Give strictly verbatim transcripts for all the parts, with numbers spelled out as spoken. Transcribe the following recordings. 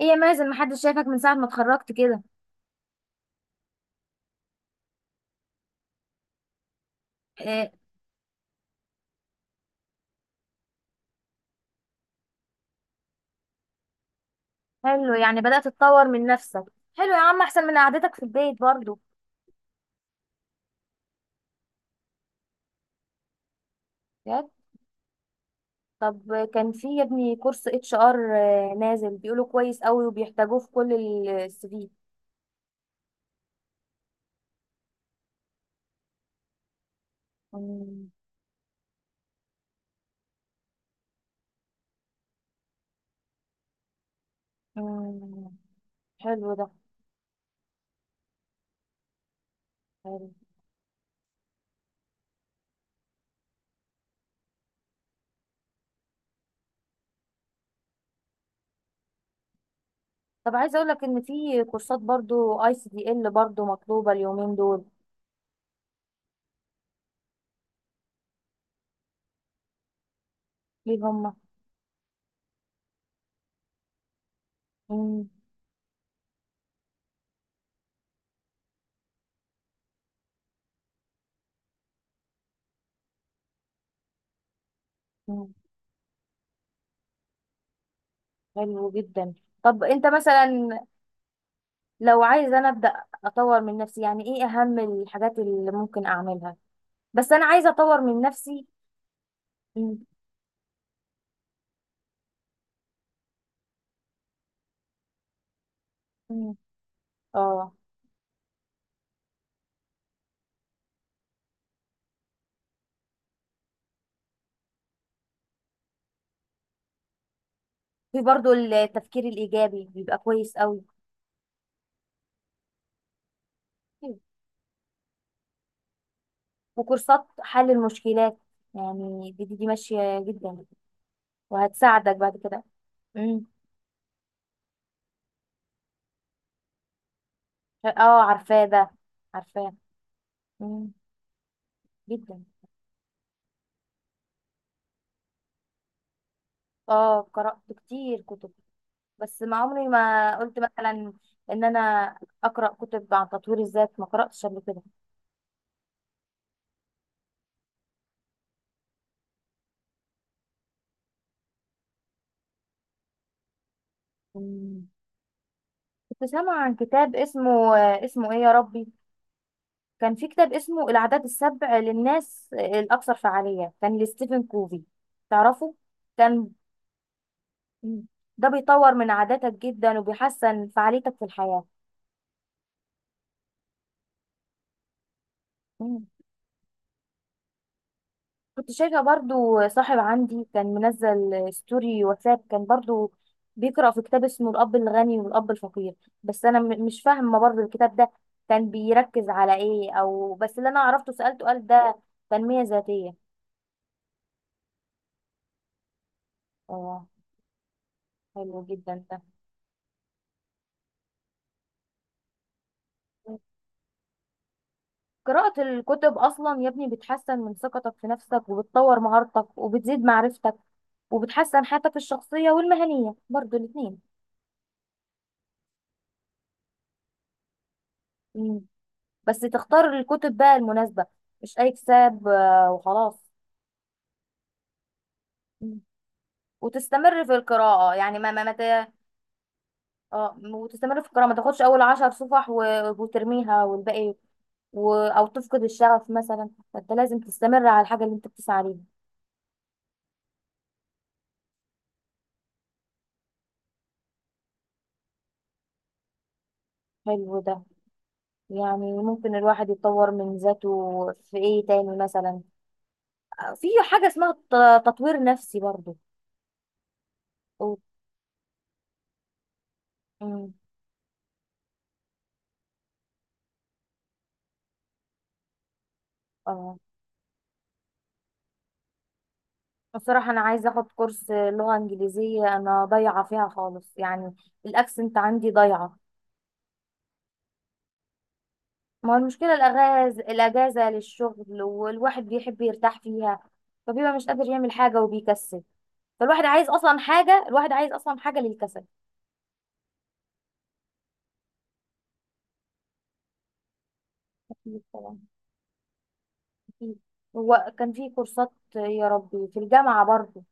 ايه يا مازل، ما حد شايفك من ساعة ما اتخركت كده. اه. حلو، يعني بدأت اتطور من نفسك. حلو يا عم، احسن من اعادتك في البيت برضو. كده؟ طب اه، كان فيه ابني كرس اتش ار اه نازل بيقوله كويس قوي وبيحتاجه في كل السديد. حلو ده. حلو. طب عايز اقولك ان فيه كرسات برضو اي سي دي ال برضو مطلوبة اليومين دول. ليه هم؟ حلو جدا. طب انت مسلا، اه، لو عايزة انا ابدا اطور من نفسي، يعني ايه اهم الحاجات اللي ممكن اعملها؟ بس انا عايزة اطور من نفسي. م- م- اه، في برضو التفكير الايجابي بيبقى كويس قوي، وكورسات حل المشكلات. يعني دي دي, دي ماشية جدا وهتساعدك بعد كده. امم، اه عارفاه ده، عارفاه. امم، جدا. اه قرأت كتير كتب، بس ما عمري ما قلت مثلا ان انا اقرأ كتب عن تطوير الذات، ما قرأتش قبل كده. مم. كنت سامعة عن كتاب اسمه، اسمه ايه يا ربي؟ كان في كتاب اسمه العادات السبع للناس الأكثر فعالية، كان لستيفن كوفي، تعرفه؟ كان ده بيطور من عاداتك جدا وبيحسن فعاليتك في الحياة. مم. كنت شايفة برضو صاحب عندي كان منزل ستوري واتساب، كان برضو بيقرأ في كتاب اسمه الأب الغني والأب الفقير. بس أنا م- مش فاهمة برضو الكتاب ده كان بيركز على ايه، أو بس اللي أنا عرفته سألته قال ده تنمية ذاتية. حلو جدا ده. قراءة الكتب أصلا يا ابني بتحسن من ثقتك في نفسك وبتطور مهارتك وبتزيد معرفتك وبتحسن حياتك الشخصية والمهنية برضو الاتنين. مم. بس تختار الكتب بقى المناسبة، مش أي كتاب آه، وخلاص. مم. وتستمر في القراءة، يعني ما ما ما ت- اه وتستمر في القراءة، ما تاخدش أول عشر صفح و- وترميها والباقي و... أو تفقد الشغف مثلا، فأنت لازم تستمر على الحاجة اللي أنت بتسعى ليها. حلو ده. يعني ممكن الواحد يتطور من ذاته في ايه تاني مثلا؟ في حاجة اسمها الت- تطوير نفسي برضو. أو- أمم، اه. بصراحة انا عايزة اخد كورس لغة انجليزية، انا ضايعة فيها خالص يعني، الاكسنت عندي ضايعة. ما هو المشكلة الاجازة، الاجازة للشغل والواحد بيحب يرتاح فيها، فبيبقى مش قادر يعمل حاجة وبيكسل. فالواحد عايز اصلا حاجة، الواحد عايز اصلا حاجة للكسل. أكيد طبعا. أكيد. هو كان في كورسات يا ربي في الجامعة برضو،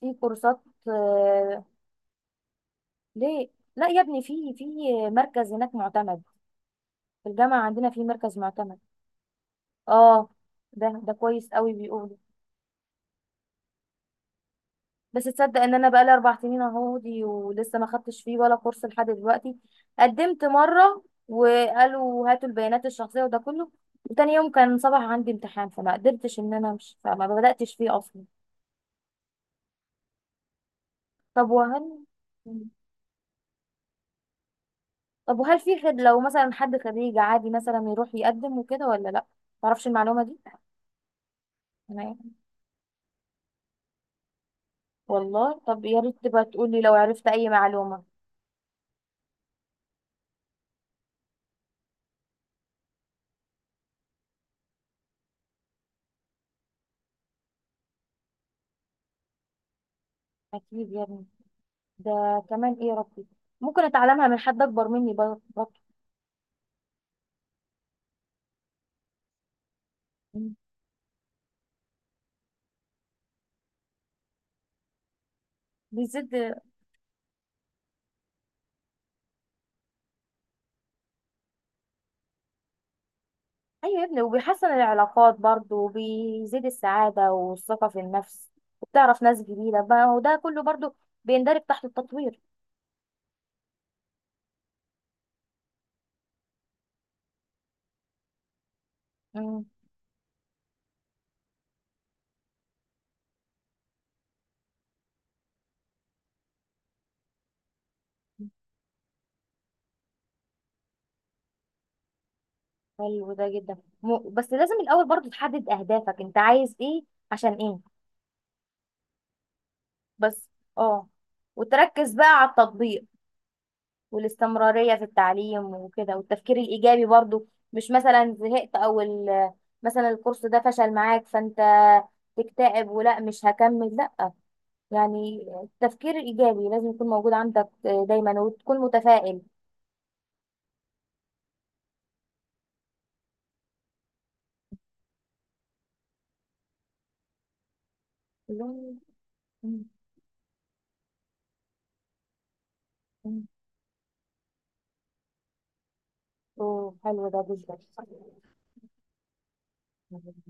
في كورسات. آه، ليه؟ لا يا ابني، في في مركز هناك معتمد، في الجامعة عندنا في مركز معتمد. اه، ده ده كويس قوي بيقولوا. بس تصدق ان انا بقالي اربع سنين اهو دي ولسه ما خدتش فيه ولا كورس لحد دلوقتي. قدمت مرة وقالوا هاتوا البيانات الشخصية وده كله، وتاني يوم كان صباح عندي امتحان فما قدرتش ان انا امشي فما بدأتش فيه اصلا. طب وهل طب وهل في خد، لو مثلا حد خريج عادي مثلا يروح يقدم وكده ولا لا؟ معرفش المعلومة دي. تمام. والله طب يا ريت تبقى تقولي لو عرفت اي معلومة. اكيد يا ابني. ده كمان ايه يا ربي ممكن اتعلمها من حد اكبر مني بر- برضه؟ مم. بيزيد. ايوه يا ابني، وبيحسن العلاقات برضه وبيزيد السعادة والثقة في النفس، وبتعرف ناس جديدة بقى، وده كله برضه بيندرج تحت التطوير. مم. حلو ده جدا. م... بس لازم الاول برضه تحدد اهدافك، انت عايز ايه؟ عشان ايه؟ بس اه، وتركز بقى على التطبيق والاستمرارية في التعليم وكده، والتفكير الإيجابي برضو. مش مثلا زهقت أو ال- مثلا الكورس ده فشل معاك فأنت تكتئب ولا مش هكمل، لا. يعني التفكير الإيجابي لازم يكون موجود عندك دايما وتكون متفائل. والله، مم، مم. أوه، حلو ده جدا.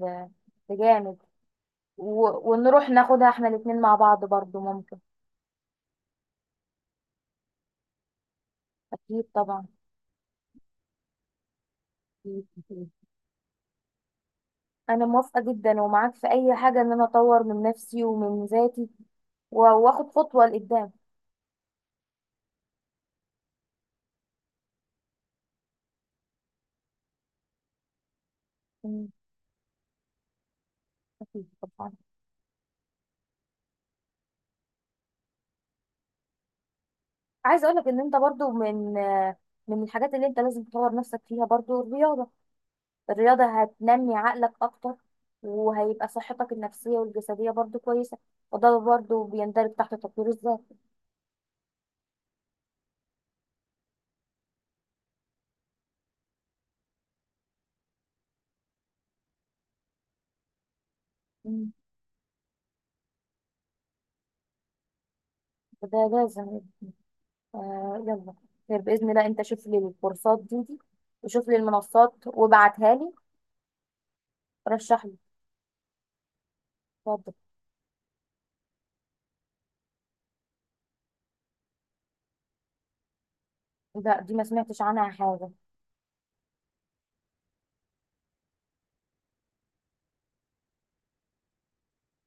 ده ده جامد. و... ونروح ناخدها احنا الاتنين مع بعض برضو، ممكن. أكيد طبعا. أكيد. انا موافقه جدا، ومعاك في اي حاجه ان انا اطور من نفسي ومن ذاتي و- واخد خطوه لقدام. مم، أكيد طبعا. عايزه اقول لك ان انت برضو من من الحاجات اللي انت لازم تطور نفسك فيها برضو الرياضه. الرياضه هتنمي عقلك اكتر، وهيبقى صحتك النفسيه والجسديه برضو كويسه، وده برضو بيندرج تحت تطوير الذات. مم، فده لازم. آه يلا، خير باذن الله. انت شوف لي الكورسات دي دي وشوف لي المنصات وابعتها لي. رشح لي. اتفضل. لا دي ما سمعتش عنها حاجة.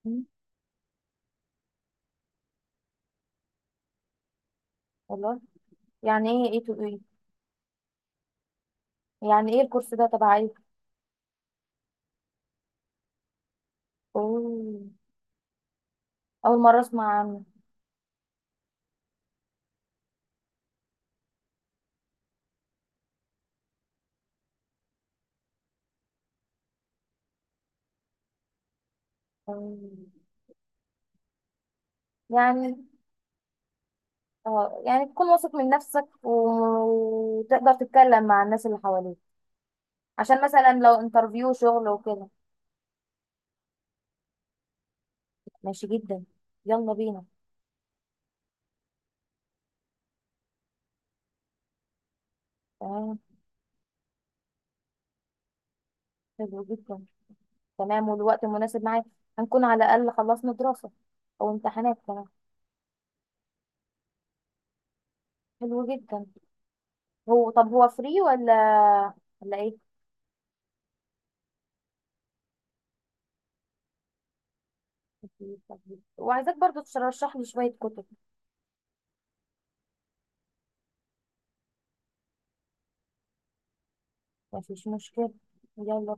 مم. والله، يعني ايه ايه تو ايه؟ يعني ايه الكورس ده تبع ايه؟ أوه. اول مرة اسمع عنه. أوه. يعني اه، يعني تكون واثق من نفسك و- وتقدر تتكلم مع الناس اللي حواليك، عشان مثلا لو انترفيو شغل وكده. ماشي جدا، يلا بينا. تمام. حلو جدا. تمام، والوقت المناسب معاك، هنكون على الاقل خلصنا دراسة او امتحانات كمان. حلو جدا. هو طب هو فري ولا ولا ايه؟ وعايزاك برضو ترشح لي شوية كتب. مفيش مشكلة. يلا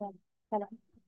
بينا.